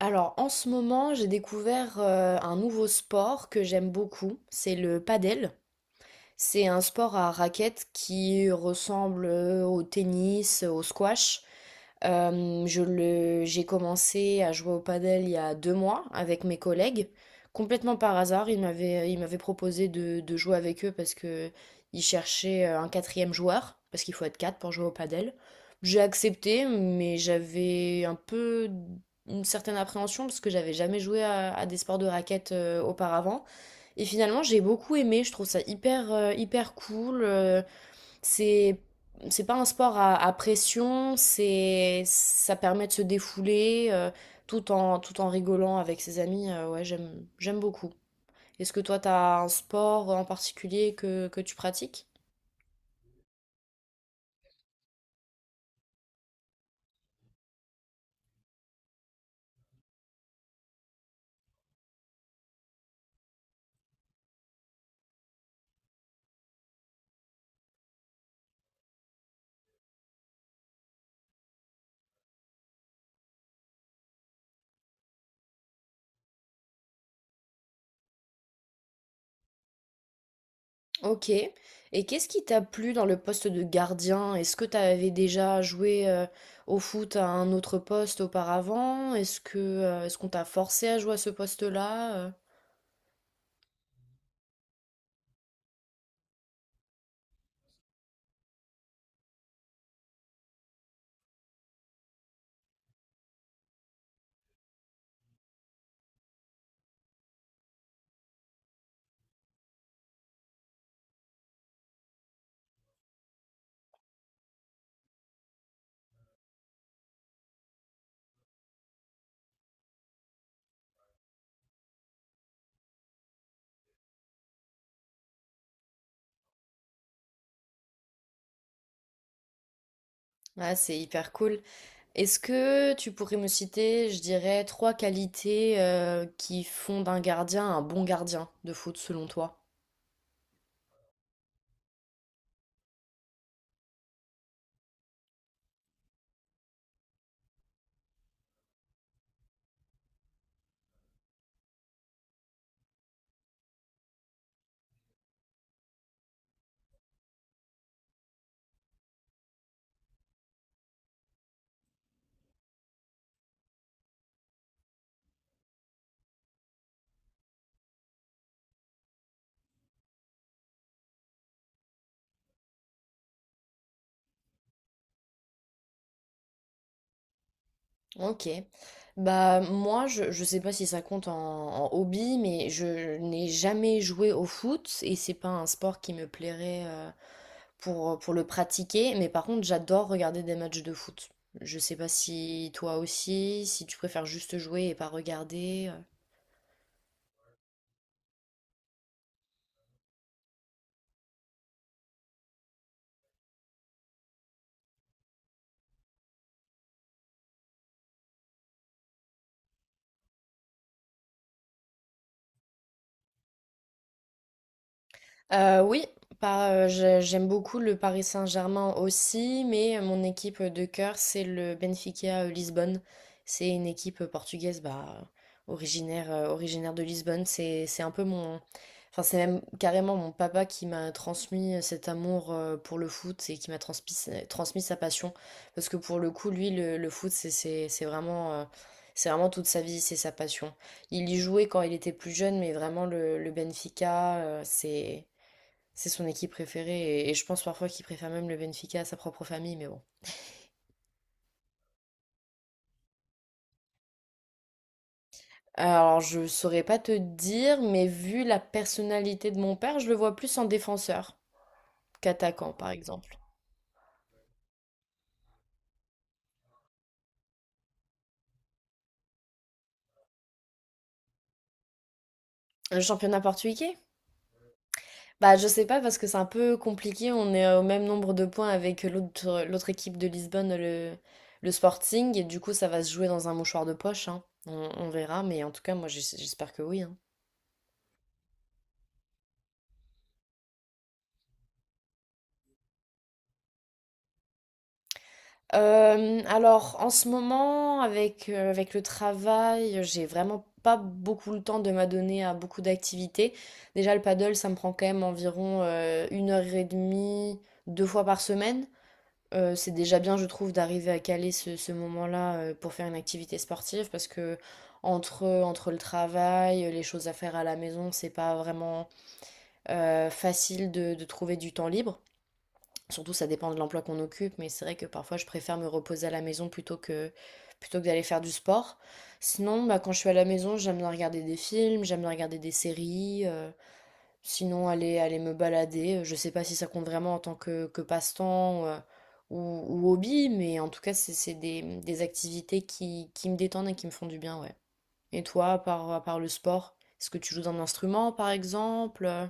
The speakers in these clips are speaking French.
Alors en ce moment, j'ai découvert un nouveau sport que j'aime beaucoup, c'est le padel. C'est un sport à raquettes qui ressemble au tennis, au squash. J'ai commencé à jouer au padel il y a 2 mois avec mes collègues. Complètement par hasard, ils m'avaient proposé de jouer avec eux parce que ils cherchaient un quatrième joueur, parce qu'il faut être quatre pour jouer au padel. J'ai accepté, mais j'avais un peu une certaine appréhension parce que j'avais jamais joué à des sports de raquettes auparavant. Et finalement, j'ai beaucoup aimé, je trouve ça hyper cool. C'est, c'est pas un sport à pression, ça permet de se défouler tout en rigolant avec ses amis. Ouais, j'aime beaucoup. Est-ce que toi, t'as un sport en particulier que tu pratiques? Ok. Et qu'est-ce qui t'a plu dans le poste de gardien? Est-ce que t'avais déjà joué au foot à un autre poste auparavant? Est-ce que, est-ce qu'on t'a forcé à jouer à ce poste-là? Ah, c'est hyper cool. Est-ce que tu pourrais me citer, je dirais, trois qualités qui font d'un gardien un bon gardien de foot selon toi? Ok. Bah moi, je sais pas si ça compte en hobby, mais je n'ai jamais joué au foot et c'est pas un sport qui me plairait pour le pratiquer. Mais par contre, j'adore regarder des matchs de foot. Je sais pas si toi aussi, si tu préfères juste jouer et pas regarder. Oui, pas, j'ai- j'aime beaucoup le Paris Saint-Germain aussi, mais mon équipe de cœur, c'est le Benfica Lisbonne. C'est une équipe portugaise, bah, originaire de Lisbonne. C'est un peu mon, enfin, c'est même carrément mon papa qui m'a transmis cet amour pour le foot et qui m'a transmis sa passion. Parce que pour le coup, lui, le foot, c'est vraiment toute sa vie, c'est sa passion. Il y jouait quand il était plus jeune, mais vraiment le Benfica, c'est son équipe préférée et je pense parfois qu'il préfère même le Benfica à sa propre famille, mais bon. Alors, je saurais pas te dire, mais vu la personnalité de mon père, je le vois plus en défenseur qu'attaquant, par exemple. Le championnat portugais? Bah, je sais pas parce que c'est un peu compliqué. On est au même nombre de points avec l'autre équipe de Lisbonne, le Sporting, et du coup, ça va se jouer dans un mouchoir de poche, hein. On verra, mais en tout cas, moi, j'espère que oui, hein. Alors, en ce moment, avec le travail, j'ai vraiment pas beaucoup le temps de m'adonner à beaucoup d'activités. Déjà, le paddle, ça me prend quand même environ 1 heure et demie, 2 fois par semaine. C'est déjà bien, je trouve, d'arriver à caler ce moment-là pour faire une activité sportive parce que entre le travail, les choses à faire à la maison, c'est pas vraiment facile de trouver du temps libre. Surtout, ça dépend de l'emploi qu'on occupe, mais c'est vrai que parfois je préfère me reposer à la maison plutôt que d'aller faire du sport. Sinon, bah, quand je suis à la maison, j'aime bien regarder des films, j'aime bien regarder des séries. Sinon, aller me balader. Je sais pas si ça compte vraiment en tant que passe-temps ou hobby, mais en tout cas, c'est des activités qui me détendent et qui me font du bien, ouais. Et toi, à part le sport, est-ce que tu joues d'un instrument, par exemple?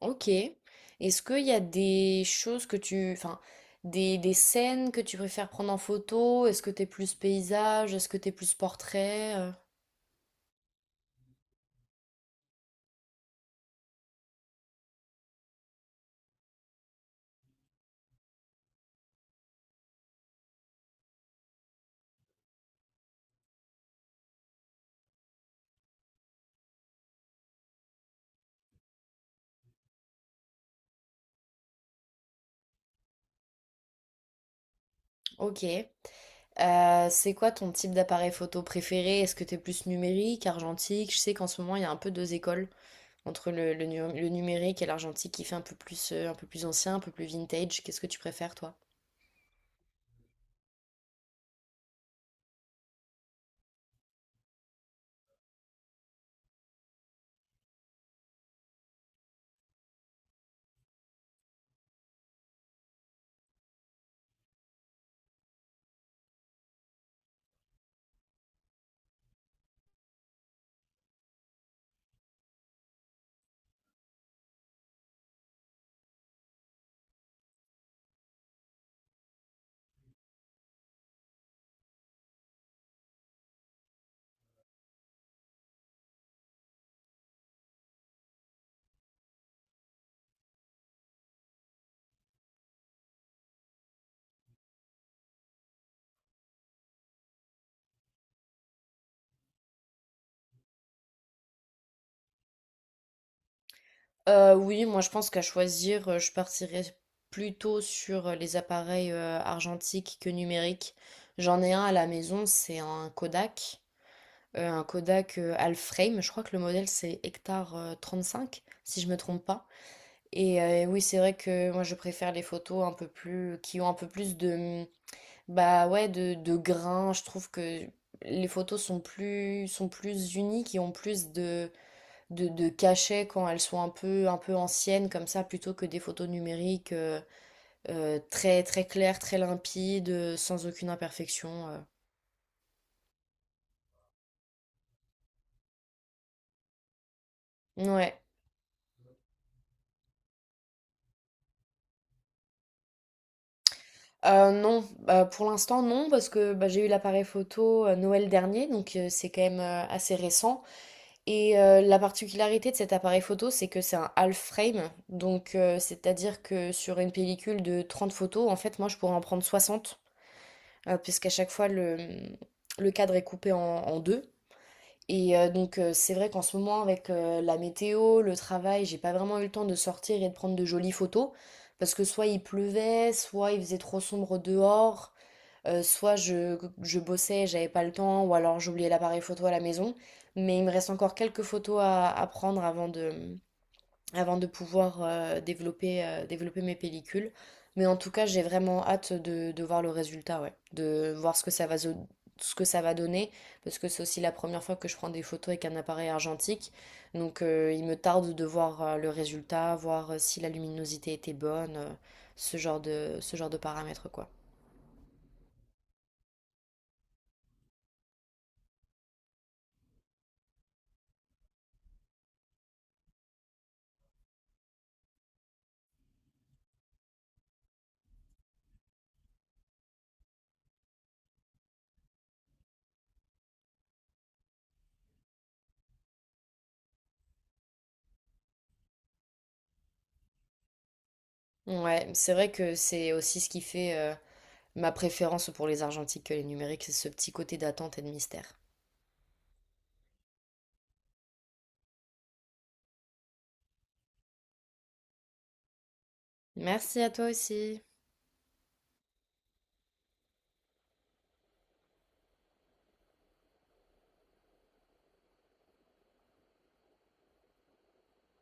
Ok. Est-ce qu'il y a des choses que tu... Enfin, des scènes que tu préfères prendre en photo? Est-ce que t'es plus paysage? Est-ce que t'es plus portrait? Ok. C'est quoi ton type d'appareil photo préféré? Est-ce que t'es plus numérique, argentique? Je sais qu'en ce moment, il y a un peu deux écoles. Entre le numérique et l'argentique qui fait un peu plus ancien, un peu plus vintage, qu'est-ce que tu préfères, toi? Oui, moi je pense qu'à choisir, je partirais plutôt sur les appareils argentiques que numériques. J'en ai un à la maison, c'est un Kodak. Un Kodak half frame. Je crois que le modèle c'est Hectare 35, si je me trompe pas. Et oui, c'est vrai que moi je préfère les photos un peu plus qui ont un peu plus de bah ouais de grain. Je trouve que les photos sont plus unies, qui ont plus de de cachet quand elles sont un peu anciennes comme ça, plutôt que des photos numériques très très claires, très limpides, sans aucune imperfection. Ouais. Non, bah, pour l'instant non parce que, bah, j'ai eu l'appareil photo, Noël dernier donc c'est quand même, assez récent et la particularité de cet appareil photo, c'est que c'est un half frame donc c'est-à-dire que sur une pellicule de 30 photos, en fait, moi, je pourrais en prendre 60 puisqu'à chaque fois le cadre est coupé en en 2 et donc c'est vrai qu'en ce moment la météo, le travail, j'ai pas vraiment eu le temps de sortir et de prendre de jolies photos parce que soit il pleuvait, soit il faisait trop sombre dehors, soit je bossais, j'avais pas le temps, ou alors j'oubliais l'appareil photo à la maison. Mais il me reste encore quelques photos à prendre avant de pouvoir développer mes pellicules. Mais en tout cas, j'ai vraiment hâte de voir le résultat, ouais. De voir ce que ce que ça va donner, parce que c'est aussi la première fois que je prends des photos avec un appareil argentique. Donc il me tarde de voir le résultat, voir si la luminosité était bonne, ce genre ce genre de paramètres, quoi. Ouais, c'est vrai que c'est aussi ce qui fait ma préférence pour les argentiques que les numériques, c'est ce petit côté d'attente et de mystère. Merci à toi aussi.